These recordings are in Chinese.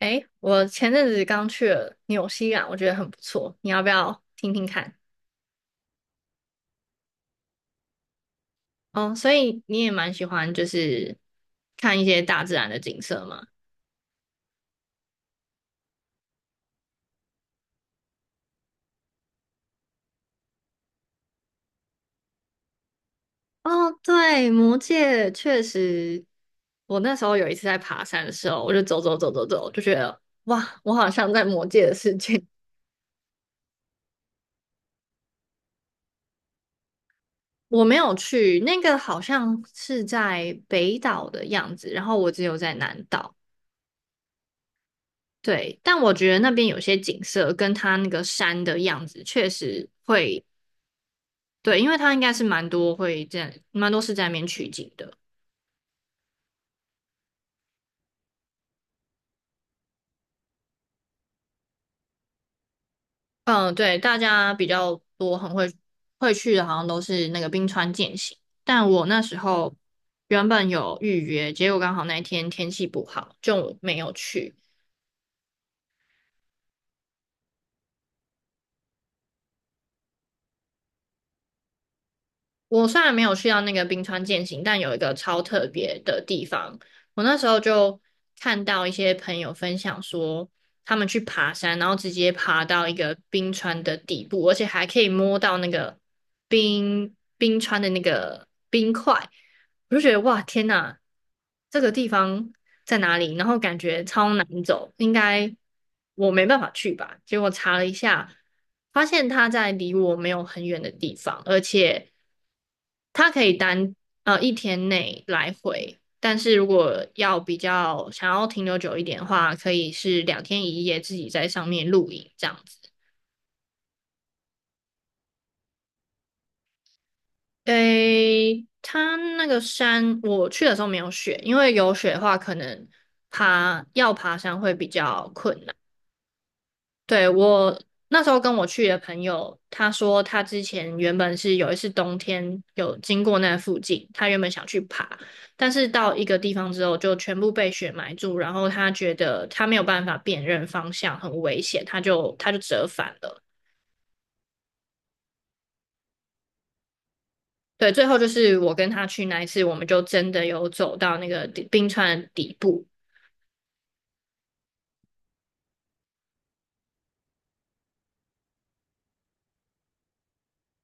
诶，我前阵子刚去了纽西兰，我觉得很不错，你要不要听听看？哦，所以你也蛮喜欢看一些大自然的景色吗？哦，对，魔界确实，我那时候有一次在爬山的时候，我就走走走走走，就觉得哇，我好像在魔界的世界。我没有去，那个好像是在北岛的样子，然后我只有在南岛。对，但我觉得那边有些景色跟它那个山的样子确实会，对，因为它应该是蛮多会在蛮多是在那边取景的。嗯，对，大家比较多会去的，好像都是那个冰川健行。但我那时候原本有预约，结果刚好那一天天气不好，就没有去。我虽然没有去到那个冰川健行，但有一个超特别的地方，我那时候就看到一些朋友分享说，他们去爬山，然后直接爬到一个冰川的底部，而且还可以摸到那个冰川的那个冰块，我就觉得哇，天呐，这个地方在哪里？然后感觉超难走，应该我没办法去吧。结果查了一下，发现它在离我没有很远的地方，而且它可以单一天内来回，但是如果要比较想要停留久一点的话，可以是两天一夜自己在上面露营这样子。诶，它那个山我去的时候没有雪，因为有雪的话，可能要爬山会比较困难。对，我那时候跟我去的朋友，他说他之前原本是有一次冬天有经过那附近，他原本想去爬，但是到一个地方之后就全部被雪埋住，然后他觉得他没有办法辨认方向，很危险，他就折返了。对，最后就是我跟他去那一次，我们就真的有走到那个冰川的底部。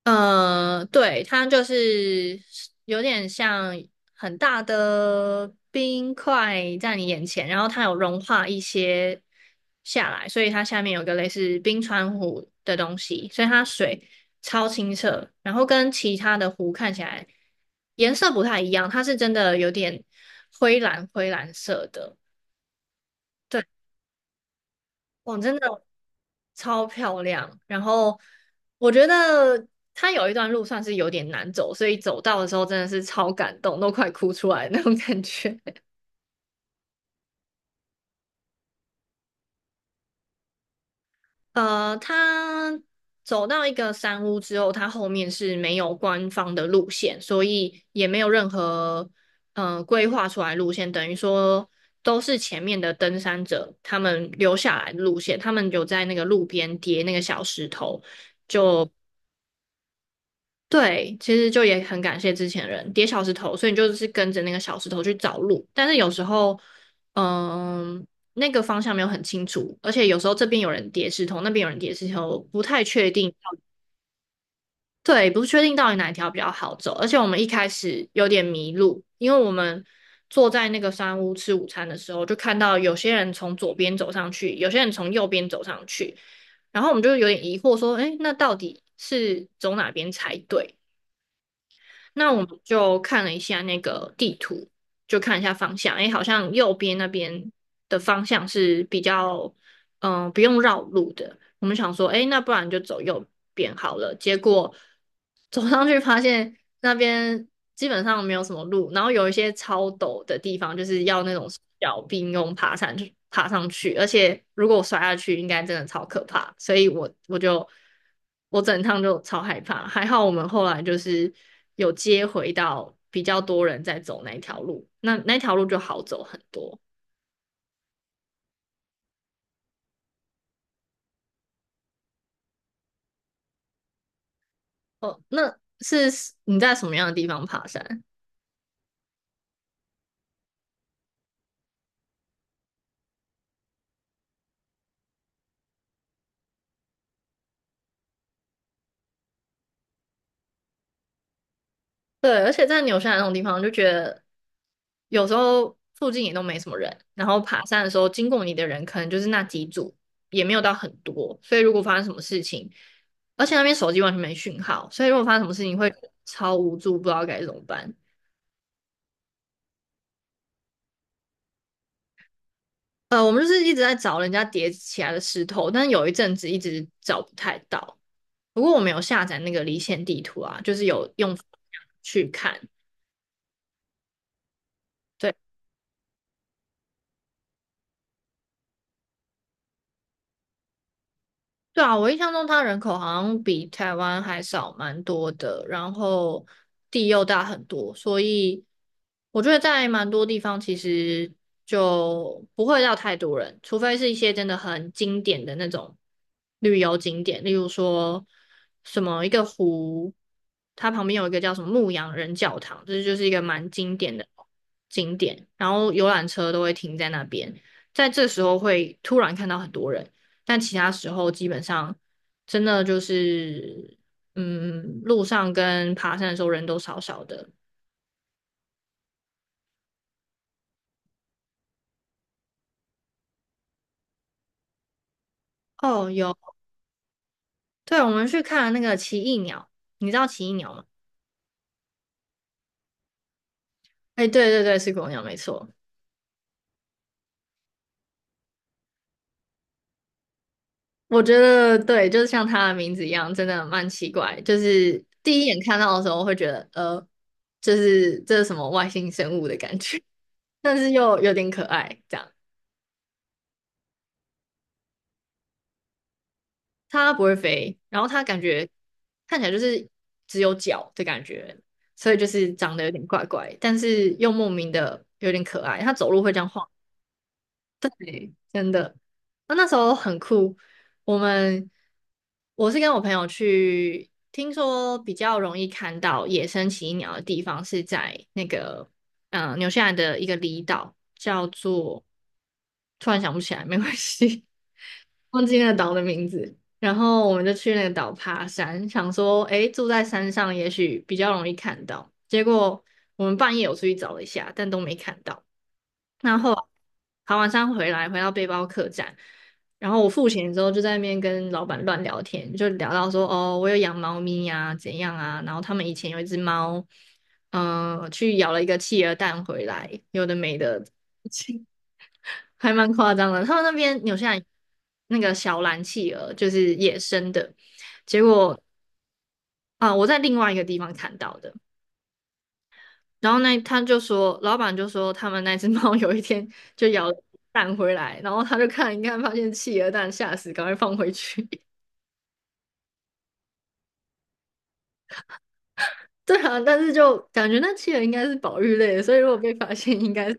呃，对，它就是有点像很大的冰块在你眼前，然后它有融化一些下来，所以它下面有个类似冰川湖的东西，所以它水超清澈，然后跟其他的湖看起来颜色不太一样，它是真的有点灰蓝灰蓝色的。对，我真的。超漂亮。然后我觉得它有一段路算是有点难走，所以走到的时候真的是超感动，都快哭出来的那种感觉。呃，它走到一个山屋之后，它后面是没有官方的路线，所以也没有任何规划出来路线，等于说。都是前面的登山者，他们留下来的路线，他们有在那个路边叠那个小石头，就对，其实就也很感谢之前的人叠小石头，所以你就是跟着那个小石头去找路。但是有时候，嗯，那个方向没有很清楚，而且有时候这边有人叠石头，那边有人叠石头，不太确定到对，不确定到底哪一条比较好走。而且我们一开始有点迷路，因为我们坐在那个山屋吃午餐的时候，就看到有些人从左边走上去，有些人从右边走上去，然后我们就有点疑惑说，哎，那到底是走哪边才对？那我们就看了一下那个地图，就看一下方向，诶，好像右边那边的方向是比较，嗯、不用绕路的。我们想说，哎，那不然就走右边好了。结果走上去发现那边基本上没有什么路，然后有一些超陡的地方，就是要那种小并用爬山去爬上去，而且如果我摔下去，应该真的超可怕。所以我我整趟就超害怕，还好我们后来就是有接回到比较多人在走那一条路，那那条路就好走很多。哦，那是你在什么样的地方爬山？对，而且在纽西兰那种地方，就觉得有时候附近也都没什么人，然后爬山的时候经过你的人可能就是那几组，也没有到很多，所以如果发生什么事情，而且那边手机完全没讯号，所以如果发生什么事情会超无助，不知道该怎么办。呃，我们就是一直在找人家叠起来的石头，但是有一阵子一直找不太到。不过我们有下载那个离线地图啊，就是有用去看。对。对啊，我印象中它人口好像比台湾还少蛮多的，然后地又大很多，所以我觉得在蛮多地方其实就不会到太多人，除非是一些真的很经典的那种旅游景点，例如说什么一个湖，它旁边有一个叫什么牧羊人教堂，这就是一个蛮经典的景点，然后游览车都会停在那边，在这时候会突然看到很多人。但其他时候基本上真的就是，嗯，路上跟爬山的时候人都少少的。哦，有，对，我们去看了那个奇异鸟，你知道奇异鸟吗？哎，对对对，是国鸟，没错。我觉得对，就是像它的名字一样，真的蛮奇怪。就是第一眼看到的时候会觉得，就是这是什么外星生物的感觉，但是又有点可爱，这样。它不会飞，然后它感觉看起来就是只有脚的感觉，所以就是长得有点怪怪，但是又莫名的有点可爱。它走路会这样晃真的，那那时候很酷。我们我是跟我朋友去，听说比较容易看到野生奇异鸟的地方是在那个纽西兰的一个离岛，叫做突然想不起来，没关系，忘记那个岛的名字。然后我们就去那个岛爬山，想说诶，住在山上也许比较容易看到。结果我们半夜有出去找了一下，但都没看到。然后爬完山回来，回到背包客栈，然后我付钱之后就在那边跟老板乱聊天，就聊到说哦，我有养猫咪呀，怎样啊，然后他们以前有一只猫，去咬了一个企鹅蛋回来，有的没的，还蛮夸张的。他们那边纽西兰那个小蓝企鹅就是野生的，结果啊、我在另外一个地方看到的。然后他就说，老板就说他们那只猫有一天就咬了蛋回来，然后他就看一看，发现企鹅蛋，吓死，赶快放回去。对啊，但是就感觉那企鹅应该是保育类的，所以如果被发现，应该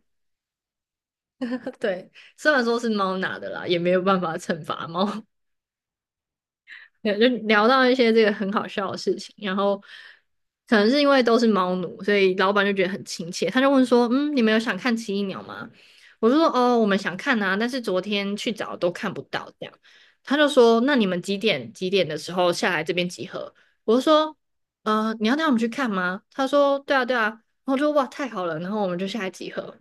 对。虽然说是猫拿的啦，也没有办法惩罚猫。对，就聊到一些这个很好笑的事情，然后可能是因为都是猫奴，所以老板就觉得很亲切，他就问说：“嗯，你们有想看奇异鸟吗？”我就说：“哦，我们想看啊，但是昨天去找都看不到。”这样，他就说：“那你们几点几点的时候下来这边集合？”我就说：你要带我们去看吗？”他说：“对啊，对啊。”然后我就哇，太好了，然后我们就下来集合。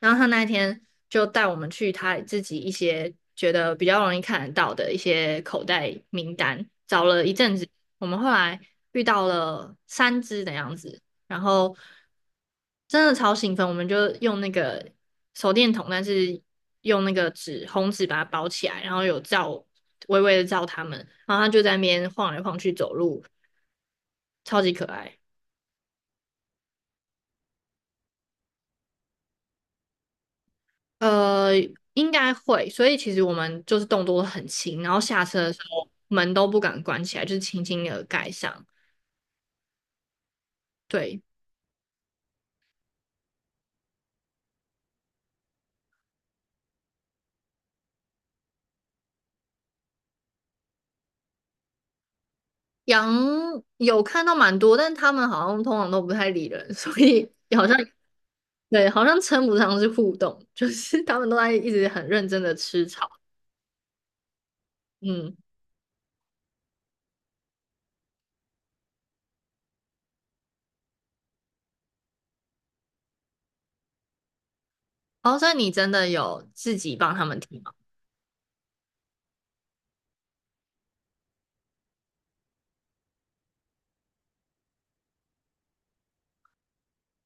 然后他那一天就带我们去他自己一些觉得比较容易看得到的一些口袋名单，找了一阵子，我们后来遇到了三只的样子，然后真的超兴奋，我们就用那个手电筒，但是用那个红纸把它包起来，然后微微的照它们，然后它就在那边晃来晃去走路，超级可爱。呃，应该会，所以其实我们就是动作都很轻，然后下车的时候门都不敢关起来，就是轻轻的盖上。对，羊有看到蛮多，但他们好像通常都不太理人，所以好像对，好像称不上是互动，就是他们都在一直很认真的吃草。嗯，哦，所以你真的有自己帮他们听吗？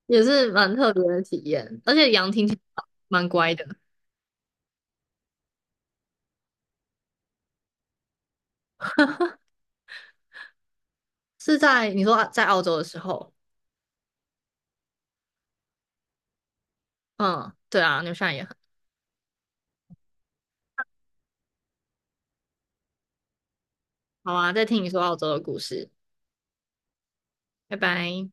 也是蛮特别的体验，而且羊听起来蛮乖的，是在你说在澳洲的时候，嗯，对啊，牛西兰也很。好啊，再听你说澳洲的故事，拜拜。